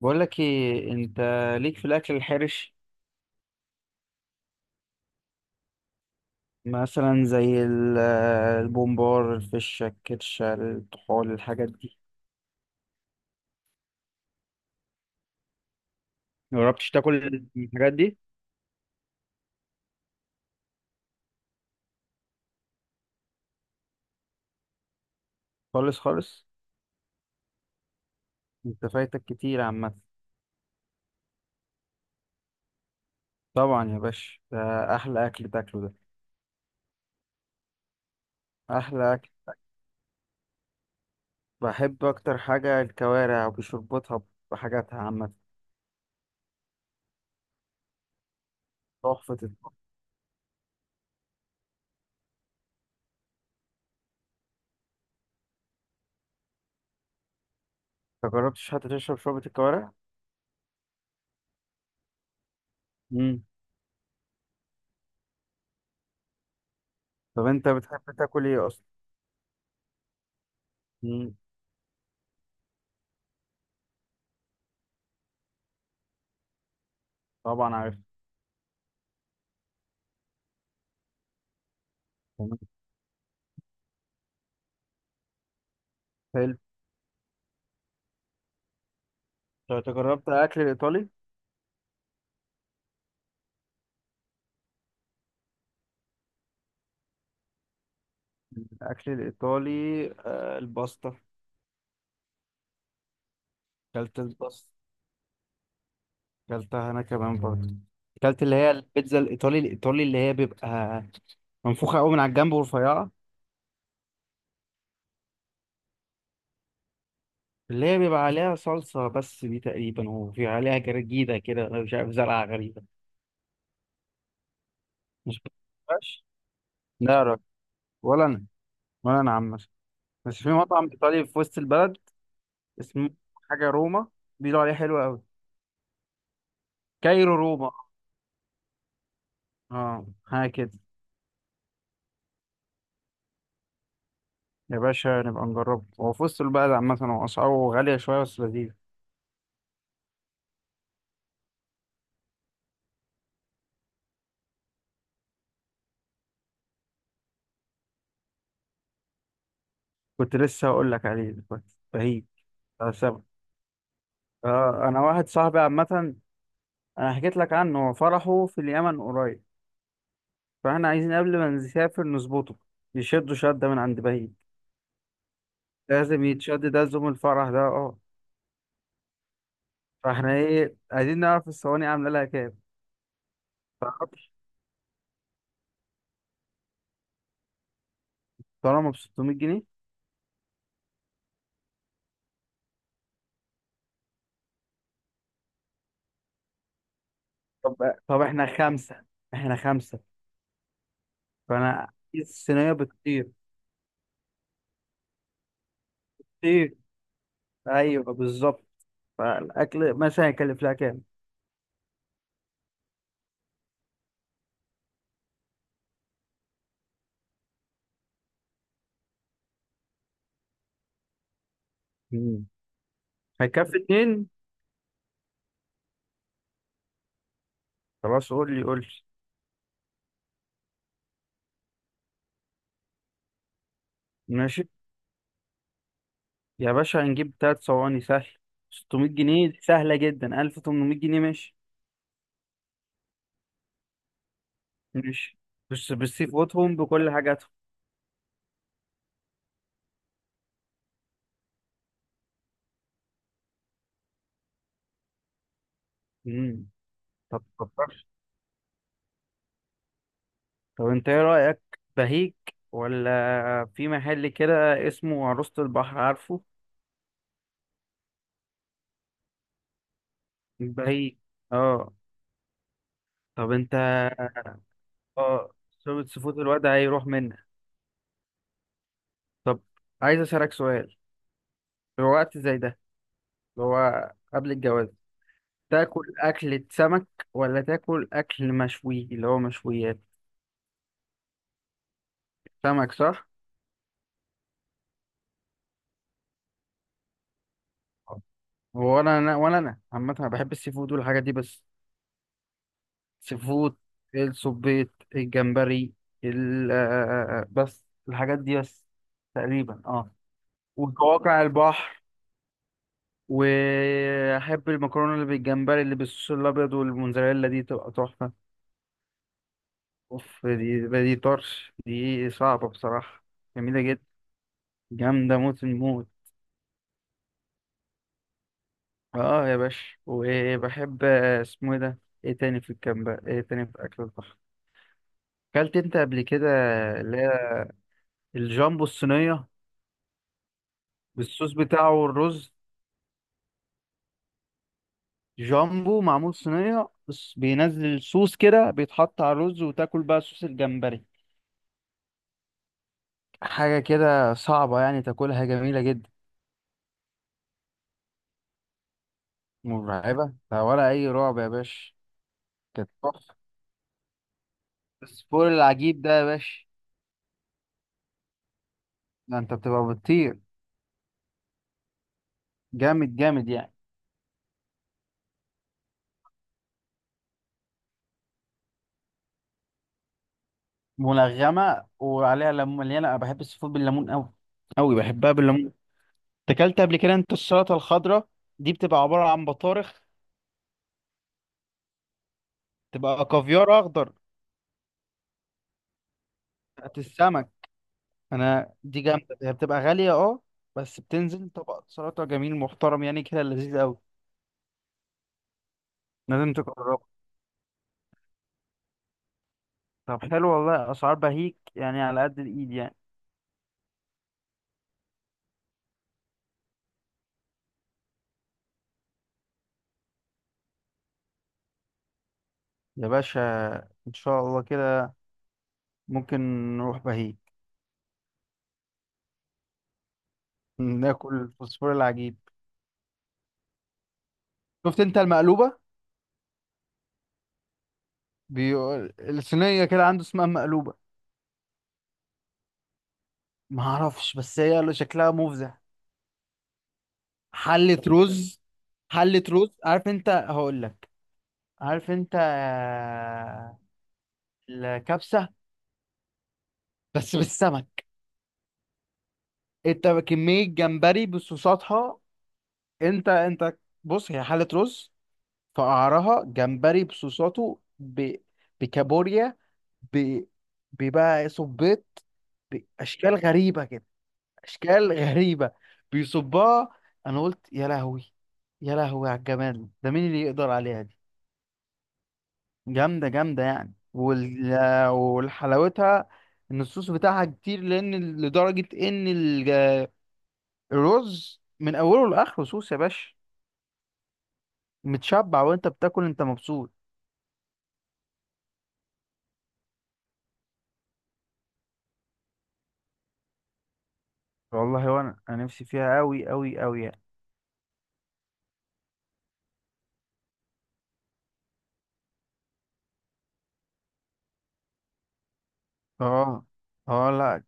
بقول لك ايه؟ انت ليك في الاكل الحرش؟ مثلا زي البومبار، الفشه، الكرشه، الطحال، الحاجات دي. مجربتش تاكل الحاجات دي؟ خالص خالص. انت فايتك كتير عامه. طبعا يا باشا، ده احلى اكل تاكله ده، احلى اكل. بحب اكتر حاجه الكوارع وبشربتها، بحاجاتها عامه. تحفه الطعم. انت جربتش حتى تشرب شوربه الكوارع؟ مم. طب انت بتحب تاكل ايه اصلا؟ مم، طبعا عارف. حلو. طب أنت جربت اكل الايطالي؟ الأكل الإيطالي، الباستا. كلت الباستا، كلتها أنا كمان برضه. كلت اللي هي البيتزا الإيطالي الإيطالي، اللي هي بيبقى منفوخة أوي من على الجنب ورفيعة. اللي هي بيبقى عليها صلصة بس دي تقريبا، وفي عليها جرجيدة كده، أنا مش عارف زرعة غريبة. مش بتعرفش؟ لا يا راجل. ولا أنا، ولا أنا. بس في مطعم إيطالي في وسط البلد اسمه حاجة روما، بيقولوا عليه حلو أوي. كايرو روما، اه حاجة كده. يا باشا نبقى نجربه، هو في وسط البلد عامة، هو أسعاره غالية شوية بس لذيذ. كنت لسه هقول لك عليه، دلوقتي رهيب، بتاع السمك. آه، أنا واحد صاحبي عامة، أنا حكيت لك عنه، هو فرحه في اليمن قريب، فإحنا عايزين قبل ما نسافر نظبطه، يشدوا شدة من عند بهيج. لازم يتشد ده، زوم الفرح ده، أه. فإحنا إيه عايزين نعرف الصواني عاملة لها كام، تعرفش؟ طالما ب 600 جنيه. طب إحنا خمسة، إحنا خمسة. فأنا عايز الصينية بتطير. طير، أيوه بالظبط. فالاكل مثلا هيكلف لها كام؟ مم. هيكفي اتنين؟ خلاص، قول لي. ماشي يا باشا، هنجيب تلات صواني سهل. 600 جنيه سهلة جدا، 1800 جنيه. ماشي. بس بالسي فودهم بكل حاجاتهم. مم. طب فكرت؟ طب انت ايه رأيك، بهيك ولا في محل كده اسمه عروسة البحر، عارفه؟ بهيك، اه. طب انت، اه. شوربة سيفود الواد هيروح منك. طب عايز اسألك سؤال، في وقت زي ده اللي هو قبل الجواز، تاكل أكلة سمك ولا تاكل أكل مشوي اللي هو مشويات؟ سمك، صح؟ هو أنا ولا أنا عامة، أنا بحب السي فود والحاجات دي بس. سي فود، السبيط، الجمبري، ال آه، بس الحاجات دي بس تقريبا، اه. وقواقع البحر. وأحب المكرونة اللي بالجمبري اللي بالصوص الأبيض والموزاريلا، دي تبقى تحفة. أوف، دي طرش، دي صعبة بصراحة. جميلة جدا، جامدة موت الموت. اه يا باشا، وبحب آه، اسمه ايه ده، ايه تاني في الكامب، ايه تاني في اكل البحر؟ اكلت انت قبل كده اللي هي الجامبو الصينيه بالصوص بتاعه والرز؟ جامبو معمول صينيه، بس بينزل الصوص كده، بيتحط على الرز وتاكل بقى صوص الجمبري. حاجه كده صعبه يعني تاكلها، جميله جدا. مرعبه؟ لا، ولا اي رعب يا باشا. كانت تحفه، بس فوق العجيب ده يا باشا. ده انت بتبقى بتطير، جامد يعني. ملغمه، وعليها ليمون مليانه، انا بحب السي فود بالليمون قوي قوي، بحبها بالليمون. اكلت قبل كده انت السلطه الخضراء؟ دي بتبقى عباره عن بطارخ، تبقى كافيار اخضر، بتاعت السمك. انا دي جامده، هي بتبقى غاليه اه، بس بتنزل طبق سلطه جميل محترم يعني كده، لذيذ قوي. لازم تجربه. طب حلو والله، اسعار بهيك يعني على قد الايد يعني. يا باشا ان شاء الله كده ممكن نروح بهيك، ناكل فوسفور العجيب. شفت انت المقلوبه؟ بيقول الصينية كده عنده اسمها مقلوبة. ما اعرفش، بس هي اللي شكلها مفزع. حلة رز، حلة رز. عارف انت، هقول لك. عارف انت الكبسة؟ بس بالسمك. انت كمية جمبري بصوصاتها. انت بص، هي حلة رز، في قعرها جمبري بصوصاته بكابوريا، ب... ببقى صبيط، بأشكال غريبة كده، اشكال غريبه. بيصبها، انا قلت يا لهوي، يا لهوي على الجمال ده، مين اللي يقدر عليها دي. جامده يعني، والحلاوتها ان الصوص بتاعها كتير، لان لدرجه ان الرز من اوله لاخره صوص يا باشا. متشبع وانت بتاكل، انت مبسوط. والله وانا، انا نفسي فيها قوي قوي قوي يعني. اه، اه لا.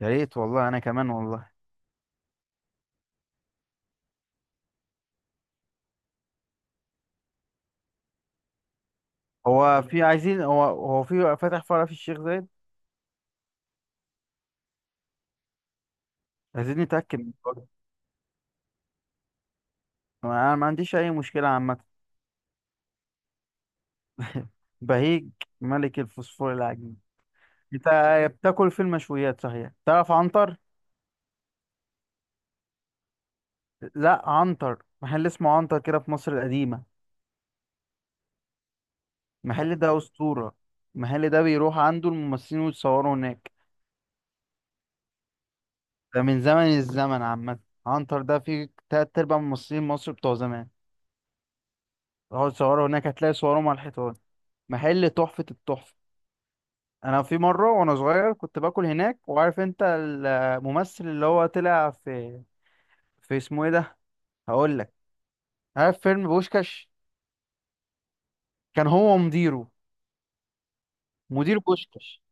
يا ريت والله انا كمان والله. هو في عايزين، هو في فتح فرع في الشيخ زايد، عايزين نتاكد. انا ما عنديش اي مشكله عامه. بهيج، ملك الفوسفور العجيب. انت بتاكل في المشويات صحيح، تعرف عنتر؟ لا، عنتر محل اسمه عنتر كده في مصر القديمه. المحل ده اسطوره، المحل ده بيروح عنده الممثلين ويتصوروا هناك. ده من زمن الزمن عامه، عنتر ده فيه تلات ارباع ممثلين مصر بتوع زمان راحوا يتصوروا هناك، هتلاقي صورهم على الحيطان. محل تحفه التحفه. انا في مره وانا صغير كنت باكل هناك، وعارف انت الممثل اللي هو طلع في، في اسمه ايه ده، هقول لك. عارف فيلم بوشكاش؟ كان هو مديره، مدير بوشكاش،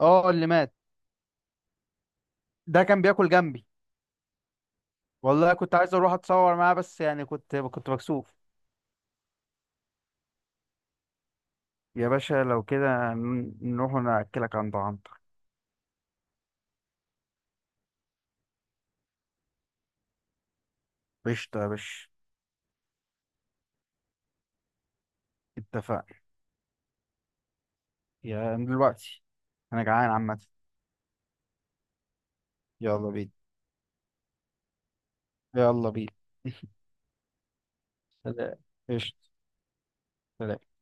اه اللي مات. ده كان بياكل جنبي، والله. كنت عايز اروح اتصور معاه بس يعني، كنت مكسوف. يا باشا لو كده نروح ناكلك عند عنتر. قشطة يا باشا، اتفقنا. يا من دلوقتي، انا جعان عامة. يلا بينا، يلا بينا. سلام، قشطة، سلام.